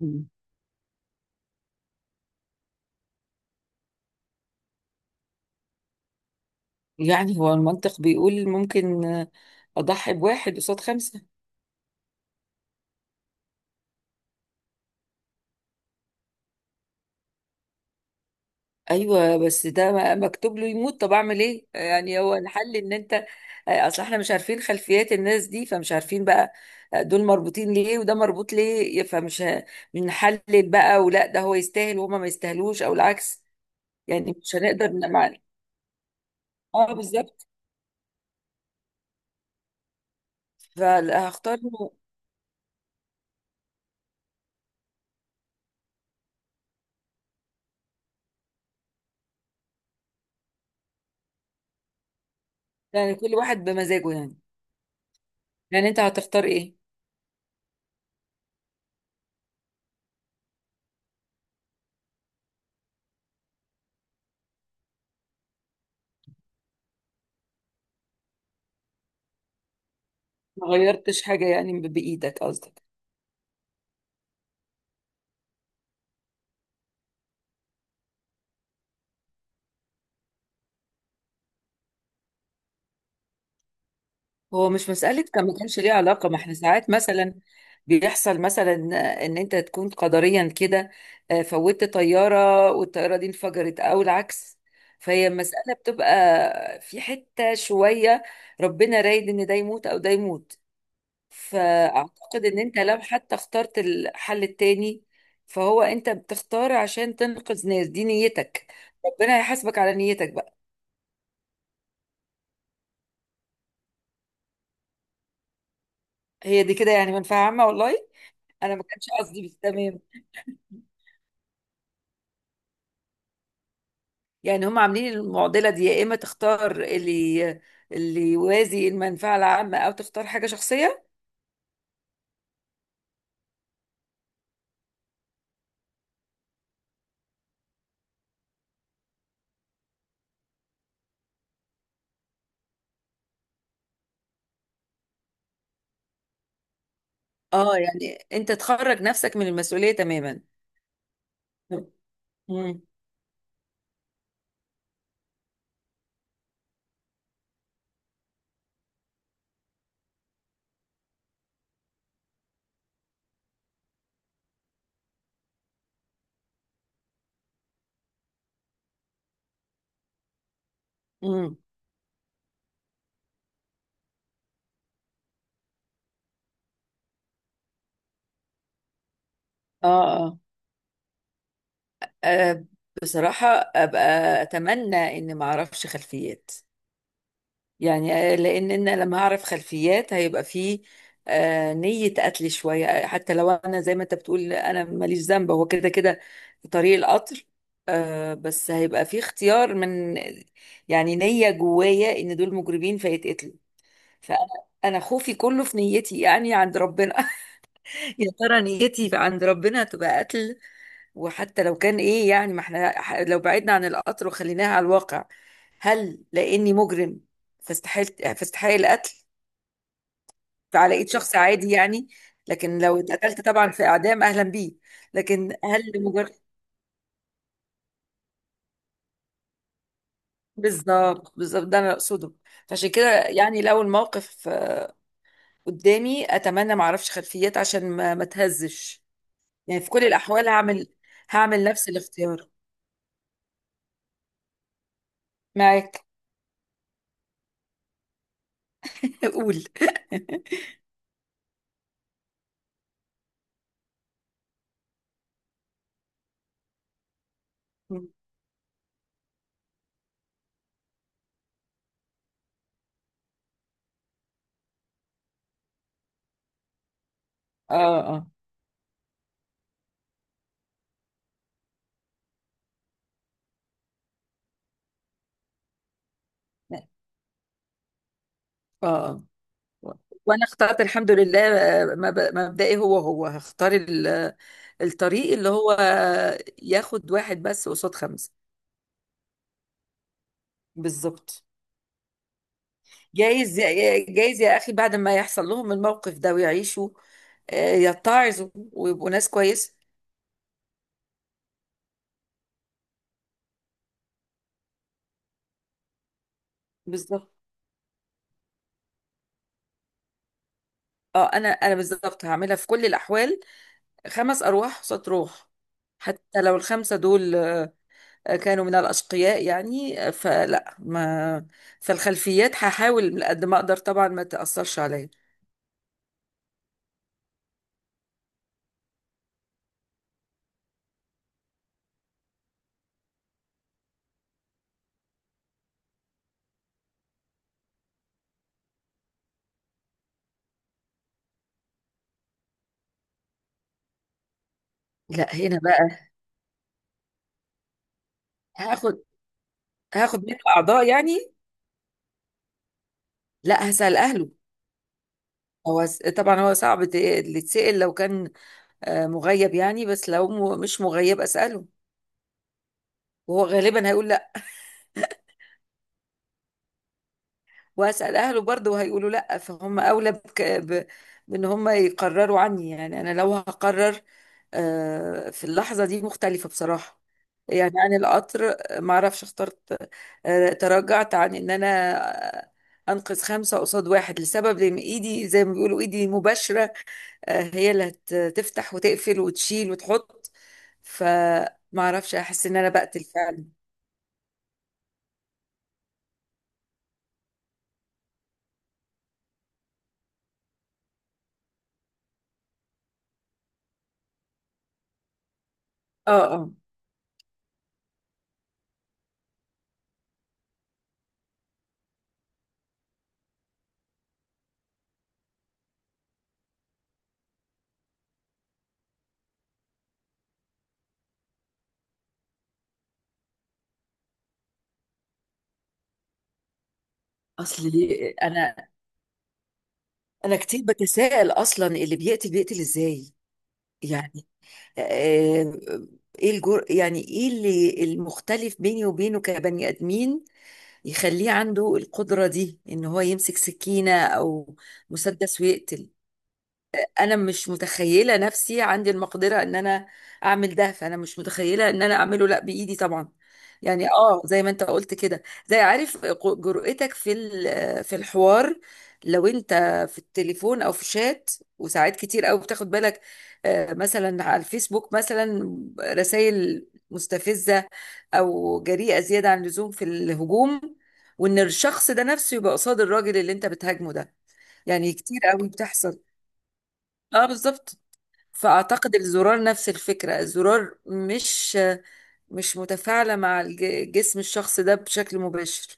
مم. يعني هو المنطق بيقول ممكن اضحي بواحد قصاد خمسه. ايوه، بس ده مكتوب له يموت. طب اعمل ايه؟ يعني هو الحل ان انت اصل احنا مش عارفين خلفيات الناس دي، فمش عارفين بقى دول مربوطين ليه وده مربوط ليه، فمش بنحلل بقى، ولا ده هو يستاهل وهما ما يستاهلوش او العكس؟ يعني مش هنقدر مع. اه، بالظبط. فهختار إنه يعني كل واحد بمزاجه. يعني يعني انت هتختار ايه؟ ما غيرتش حاجه يعني بايدك قصدك. هو مش مسألة كان ما كانش ليه علاقة، ما احنا ساعات مثلا بيحصل مثلا ان انت تكون قدريا كده. فوتت طيارة والطيارة دي انفجرت او العكس، فهي المسألة بتبقى في حتة شوية ربنا رايد ان ده يموت او ده يموت. فاعتقد ان انت لو حتى اخترت الحل التاني، فهو انت بتختار عشان تنقذ ناس دي نيتك. ربنا هيحاسبك على نيتك بقى. هي دي كده يعني منفعة عامة والله. انا ما كانش قصدي، بس تمام. يعني هم عاملين المعضلة دي، يا إما تختار اللي يوازي المنفعة العامة، أو تختار حاجة شخصية. اه، يعني أنت تخرج نفسك من المسؤولية تماما. مم. مم. آه, آه آه، بصراحة أبقى أتمنى إن ما أعرفش خلفيات. يعني لان انا لما هعرف خلفيات هيبقى فيه نية قتل شوية. حتى لو انا زي ما انت بتقول انا ماليش ذنب، هو كده كده في طريق القطر. بس هيبقى فيه اختيار من، يعني نية جوايا ان دول مجرمين فيتقتلوا. فانا انا خوفي كله في نيتي، يعني عند ربنا. يا ترى نيتي عند ربنا تبقى قتل؟ وحتى لو كان ايه، يعني ما احنا لو بعدنا عن القطر وخليناها على الواقع، هل لاني مجرم فاستحيل فاستحق القتل؟ فعلى ايد شخص عادي يعني. لكن لو اتقتلت طبعا في اعدام اهلا بيه، لكن هل لمجرد؟ بالظبط بالظبط، ده انا اقصده. فعشان كده يعني لو الموقف قدامي، اتمنى ما اعرفش خلفيات عشان ما تهزش. يعني في كل الاحوال هعمل نفس الاختيار معاك. قول. اه اه اه. وانا اخترت الحمد لله مبدئي هو هختار الطريق اللي هو ياخد واحد بس قصاد خمسة. بالظبط. جايز. جايز يا اخي، بعد ما يحصل لهم الموقف ده ويعيشوا يتعظوا ويبقوا ناس كويسة. بالظبط. اه، انا بالظبط هعملها في كل الاحوال، خمس ارواح قصاد روح، حتى لو الخمسة دول كانوا من الأشقياء يعني فلا ما. فالخلفيات هحاول قد ما أقدر طبعا ما تأثرش عليا. لا، هنا بقى هاخد هاخد منه أعضاء يعني. لا، هسأل أهله. هو طبعا هو صعب اللي يتسأل، لو كان مغيب يعني، بس لو مش مغيب أسأله، وهو غالبا هيقول لا. واسال اهله برضه هيقولوا لا، فهم اولى بك، بان هم يقرروا عني. يعني انا لو هقرر في اللحظه دي مختلفه بصراحه يعني عن القطر. ما اعرفش، اخترت تراجعت عن ان انا آه، انقذ خمسه قصاد واحد، لسبب لان ايدي زي ما بيقولوا ايدي مباشره. هي اللي هتفتح وتقفل وتشيل وتحط. فما اعرفش، احس ان انا بقتل فعلا. اه اه. اصلي انا كتير بتساءل اصلا اللي بيقتل بيقتل ازاي. يعني آه، ايه الجر يعني، ايه اللي المختلف بيني وبينه كبني ادمين يخليه عنده القدرة دي ان هو يمسك سكينة او مسدس ويقتل؟ انا مش متخيله نفسي عندي المقدره ان انا اعمل ده، فانا مش متخيله ان انا اعمله لا بايدي طبعا. يعني اه، زي ما انت قلت كده، زي عارف جرأتك في الحوار لو انت في التليفون او في شات. وساعات كتير قوي بتاخد بالك مثلا على الفيسبوك مثلا رسائل مستفزه او جريئه زياده عن اللزوم في الهجوم، وان الشخص ده نفسه يبقى قصاد الراجل اللي انت بتهاجمه ده. يعني كتير قوي بتحصل. اه بالظبط. فأعتقد الزرار نفس الفكرة، الزرار مش متفاعلة مع جسم الشخص ده بشكل مباشر.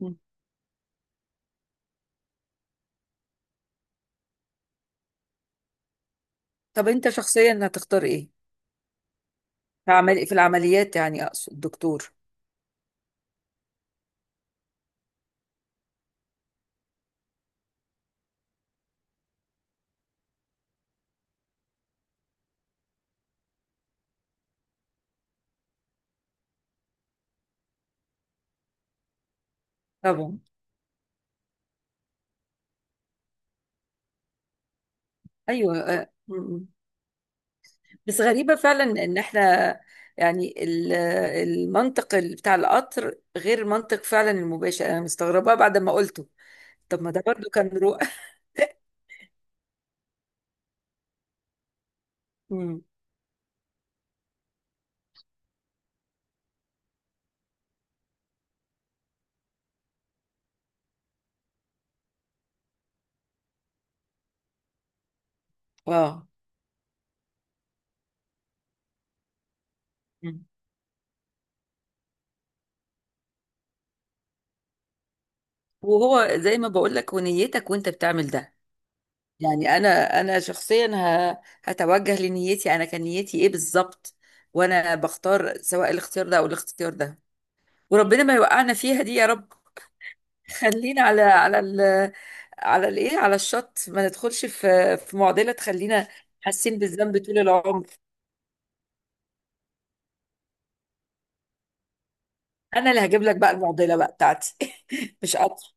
مم. طب انت شخصيا هتختار ايه؟ في العمليات يعني، اقصد دكتور؟ طبعا. ايوه، آه، م- م. بس غريبة فعلا ان احنا يعني المنطق بتاع القطر غير منطق فعلا المباشر. انا مستغربة بعد ما قلته. طب ما ده برضو كان رؤى. مم. اه. مم. وهو زي ما بقول لك، ونيتك وانت بتعمل ده، يعني انا شخصيا هتوجه لنيتي. انا كان نيتي ايه بالظبط؟ وانا بختار سواء الاختيار ده او الاختيار ده. وربنا ما يوقعنا فيها دي يا رب. خلينا على على الايه، على الشط، ما ندخلش في معضله تخلينا حاسين بالذنب طول العمر. انا اللي هجيب لك بقى المعضله بقى بتاعتي. مش قطر.